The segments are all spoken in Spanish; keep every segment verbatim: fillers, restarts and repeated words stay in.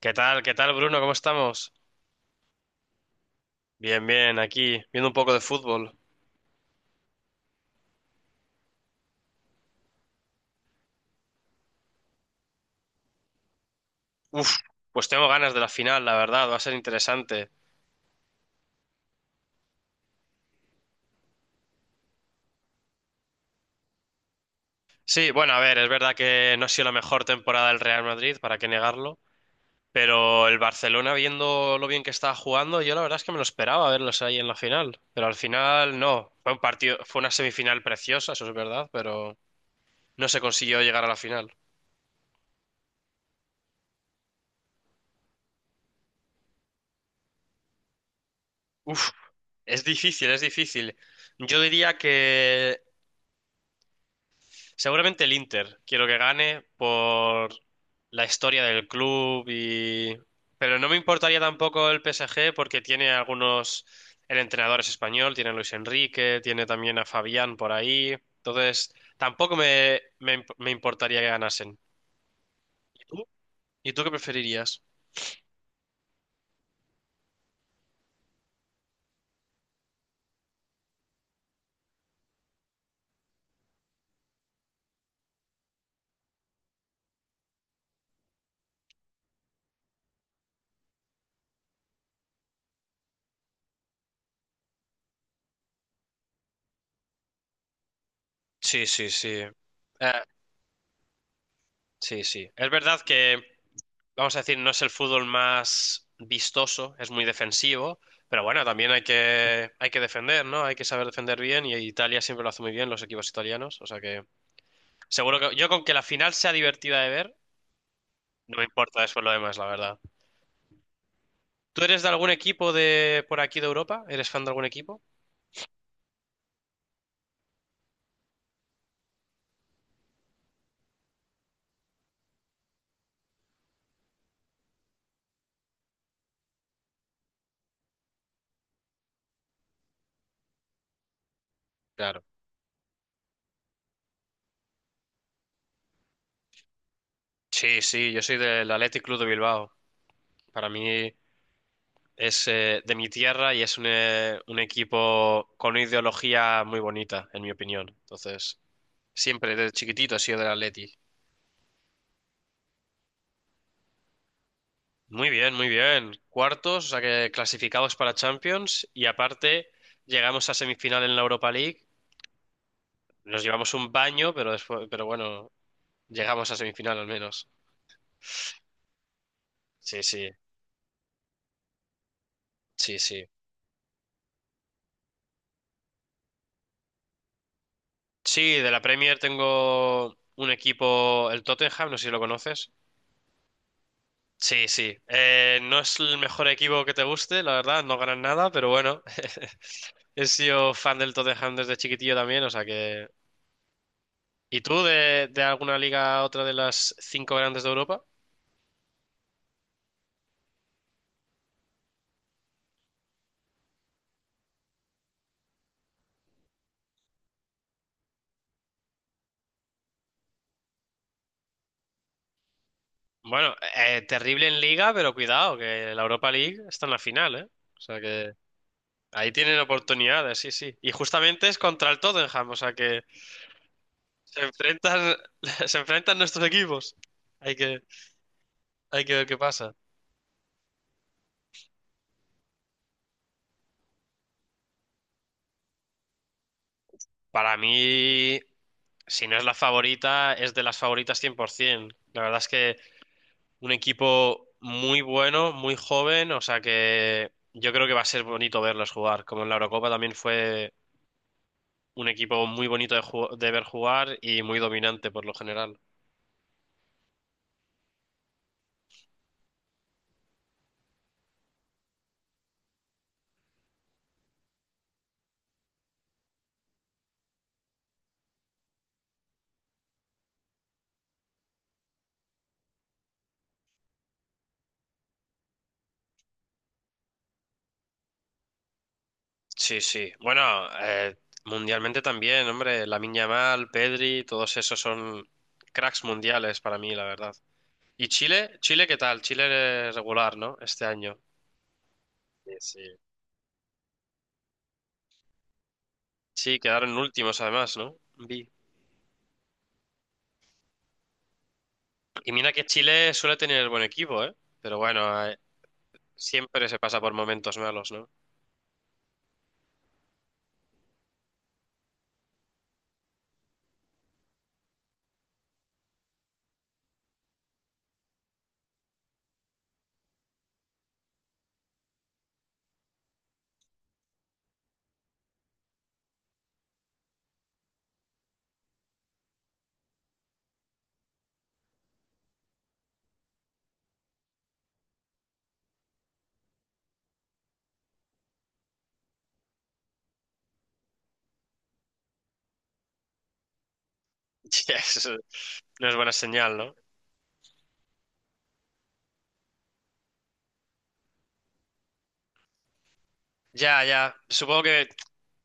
¿Qué tal? ¿Qué tal, Bruno? ¿Cómo estamos? Bien, bien, aquí, viendo un poco de fútbol. Uf, pues tengo ganas de la final, la verdad, va a ser interesante. Sí, bueno, a ver, es verdad que no ha sido la mejor temporada del Real Madrid, para qué negarlo, pero el Barcelona, viendo lo bien que estaba jugando, yo la verdad es que me lo esperaba verlos ahí en la final, pero al final no. Fue un partido, fue una semifinal preciosa, eso es verdad, pero no se consiguió llegar a la final. Uf, es difícil, es difícil. Yo diría que seguramente el Inter. Quiero que gane por la historia del club y... Pero no me importaría tampoco el P S G porque tiene algunos... El entrenador es español, tiene a Luis Enrique, tiene también a Fabián por ahí. Entonces, tampoco me, me, imp- me importaría que ganasen. ¿Y tú? ¿Y tú qué preferirías? Sí, sí, sí. Eh, sí, sí. Es verdad que, vamos a decir, no es el fútbol más vistoso, es muy defensivo, pero bueno, también hay que, hay que defender, ¿no? Hay que saber defender bien y Italia siempre lo hace muy bien, los equipos italianos, o sea que seguro que yo, con que la final sea divertida de ver, no me importa después lo demás, la verdad. ¿Tú eres de algún equipo de por aquí de Europa? ¿Eres fan de algún equipo? Claro. Sí, sí, yo soy del Athletic Club de Bilbao. Para mí es, eh, de mi tierra y es un, eh, un equipo con una ideología muy bonita, en mi opinión. Entonces... Siempre, desde chiquitito he sido del Atleti. Muy bien, muy bien. Cuartos, o sea que clasificados para Champions y aparte llegamos a semifinal en la Europa League. Nos llevamos un baño, pero después, pero bueno, llegamos a semifinal al menos. Sí, sí, sí, sí. Sí, de la Premier tengo un equipo, el Tottenham, no sé si lo conoces. Sí, sí. Eh, no es el mejor equipo que te guste, la verdad, no ganan nada, pero bueno, he sido fan del Tottenham desde chiquitillo también, o sea que ¿y tú de, de alguna liga a otra de las cinco grandes de Europa? Bueno, eh, terrible en liga, pero cuidado, que la Europa League está en la final, ¿eh? O sea que ahí tienen oportunidades, sí, sí. Y justamente es contra el Tottenham, o sea que se enfrentan, se enfrentan nuestros equipos. Hay que, Hay que ver qué pasa. Para mí, si no es la favorita, es de las favoritas cien por ciento. La verdad es que un equipo muy bueno, muy joven, o sea que yo creo que va a ser bonito verlos jugar. Como en la Eurocopa también fue un equipo muy bonito de ju- de ver jugar y muy dominante por lo general. Sí, sí. Bueno, eh, mundialmente también, hombre. Lamine Yamal, Pedri, todos esos son cracks mundiales para mí, la verdad. ¿Y Chile? ¿Chile qué tal? Chile, eh, regular, ¿no? Este año. Sí, sí. Sí, quedaron últimos además, ¿no? Vi. Y mira que Chile suele tener buen equipo, ¿eh? Pero bueno, siempre se pasa por momentos malos, ¿no? Ya, eso no es buena señal, ¿no? Ya, ya. Supongo que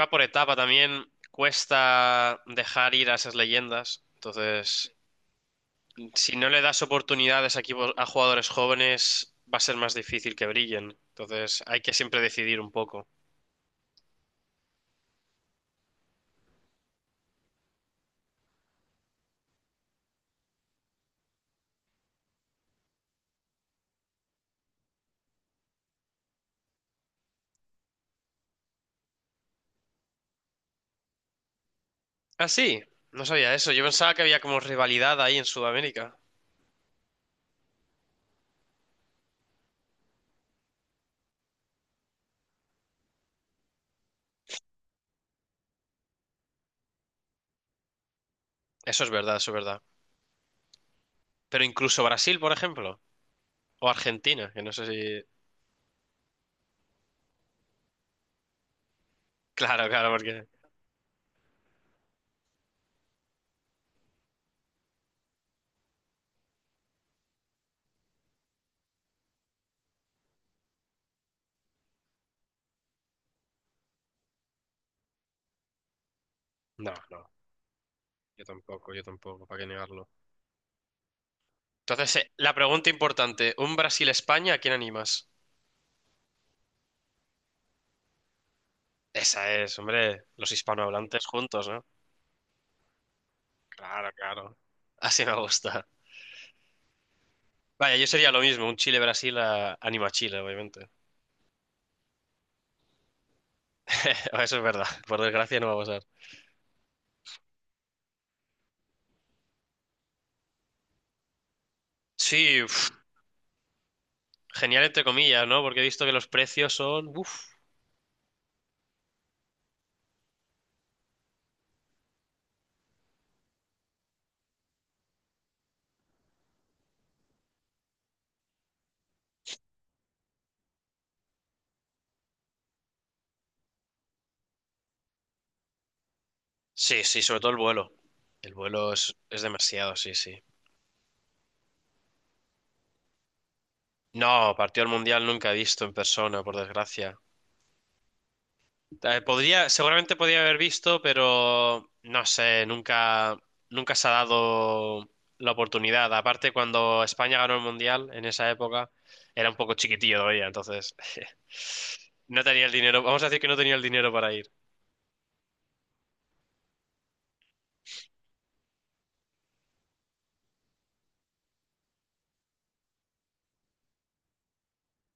va por etapa también. Cuesta dejar ir a esas leyendas. Entonces, si no le das oportunidades a equipos, a jugadores jóvenes, va a ser más difícil que brillen. Entonces, hay que siempre decidir un poco. Ah, sí, no sabía eso. Yo pensaba que había como rivalidad ahí en Sudamérica. Eso es verdad, eso es verdad. Pero incluso Brasil, por ejemplo, o Argentina, que no sé si. Claro, claro, porque. No, no. Yo tampoco, yo tampoco, ¿para qué negarlo? Entonces, eh, la pregunta importante, ¿un Brasil-España a quién animas? Esa es, hombre, los hispanohablantes juntos, ¿no? Claro, claro. Así me gusta. Vaya, yo sería lo mismo, un Chile-Brasil a... anima a Chile, obviamente. Eso es verdad, por desgracia no va a pasar. Sí, uf, genial entre comillas, ¿no? Porque he visto que los precios son... Uf. Sí, sí, sobre todo el vuelo. El vuelo es, es demasiado, sí, sí. No, partido del Mundial nunca he visto en persona, por desgracia. Eh, podría, seguramente podría haber visto, pero no sé, nunca, nunca se ha dado la oportunidad. Aparte, cuando España ganó el Mundial en esa época, era un poco chiquitillo todavía, entonces no tenía el dinero. Vamos a decir que no tenía el dinero para ir.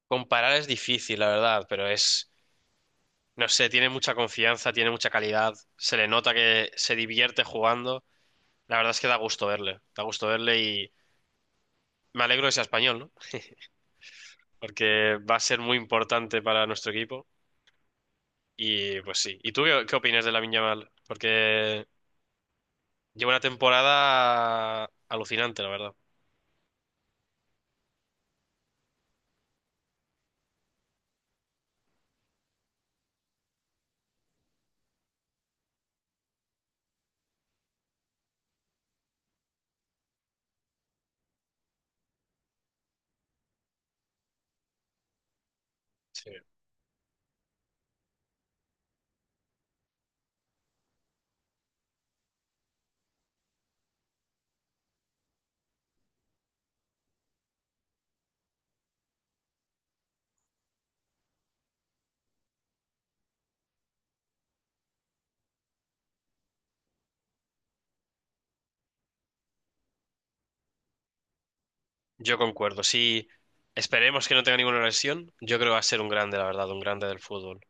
Comparar es difícil, la verdad, pero es, no sé, tiene mucha confianza, tiene mucha calidad, se le nota que se divierte jugando. La verdad es que da gusto verle, da gusto verle y me alegro de ser español, ¿no? Porque va a ser muy importante para nuestro equipo. Y pues sí. ¿Y tú qué, qué opinas de Lamine Yamal? Porque lleva una temporada alucinante, la verdad. Sí. Yo concuerdo. Sí, esperemos que no tenga ninguna lesión. Yo creo que va a ser un grande, la verdad, un grande del fútbol.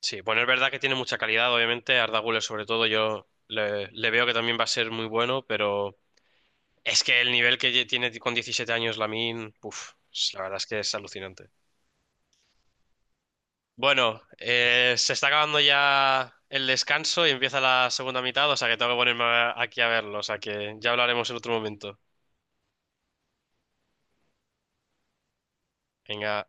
Sí, bueno, es verdad que tiene mucha calidad, obviamente. Arda Güler, sobre todo, yo le, le veo que también va a ser muy bueno, pero es que el nivel que tiene con diecisiete años Lamine, puf, la verdad es que es alucinante. Bueno, eh, se está acabando ya el descanso y empieza la segunda mitad, o sea que tengo que ponerme a- aquí a verlo, o sea que ya hablaremos en otro momento. Venga.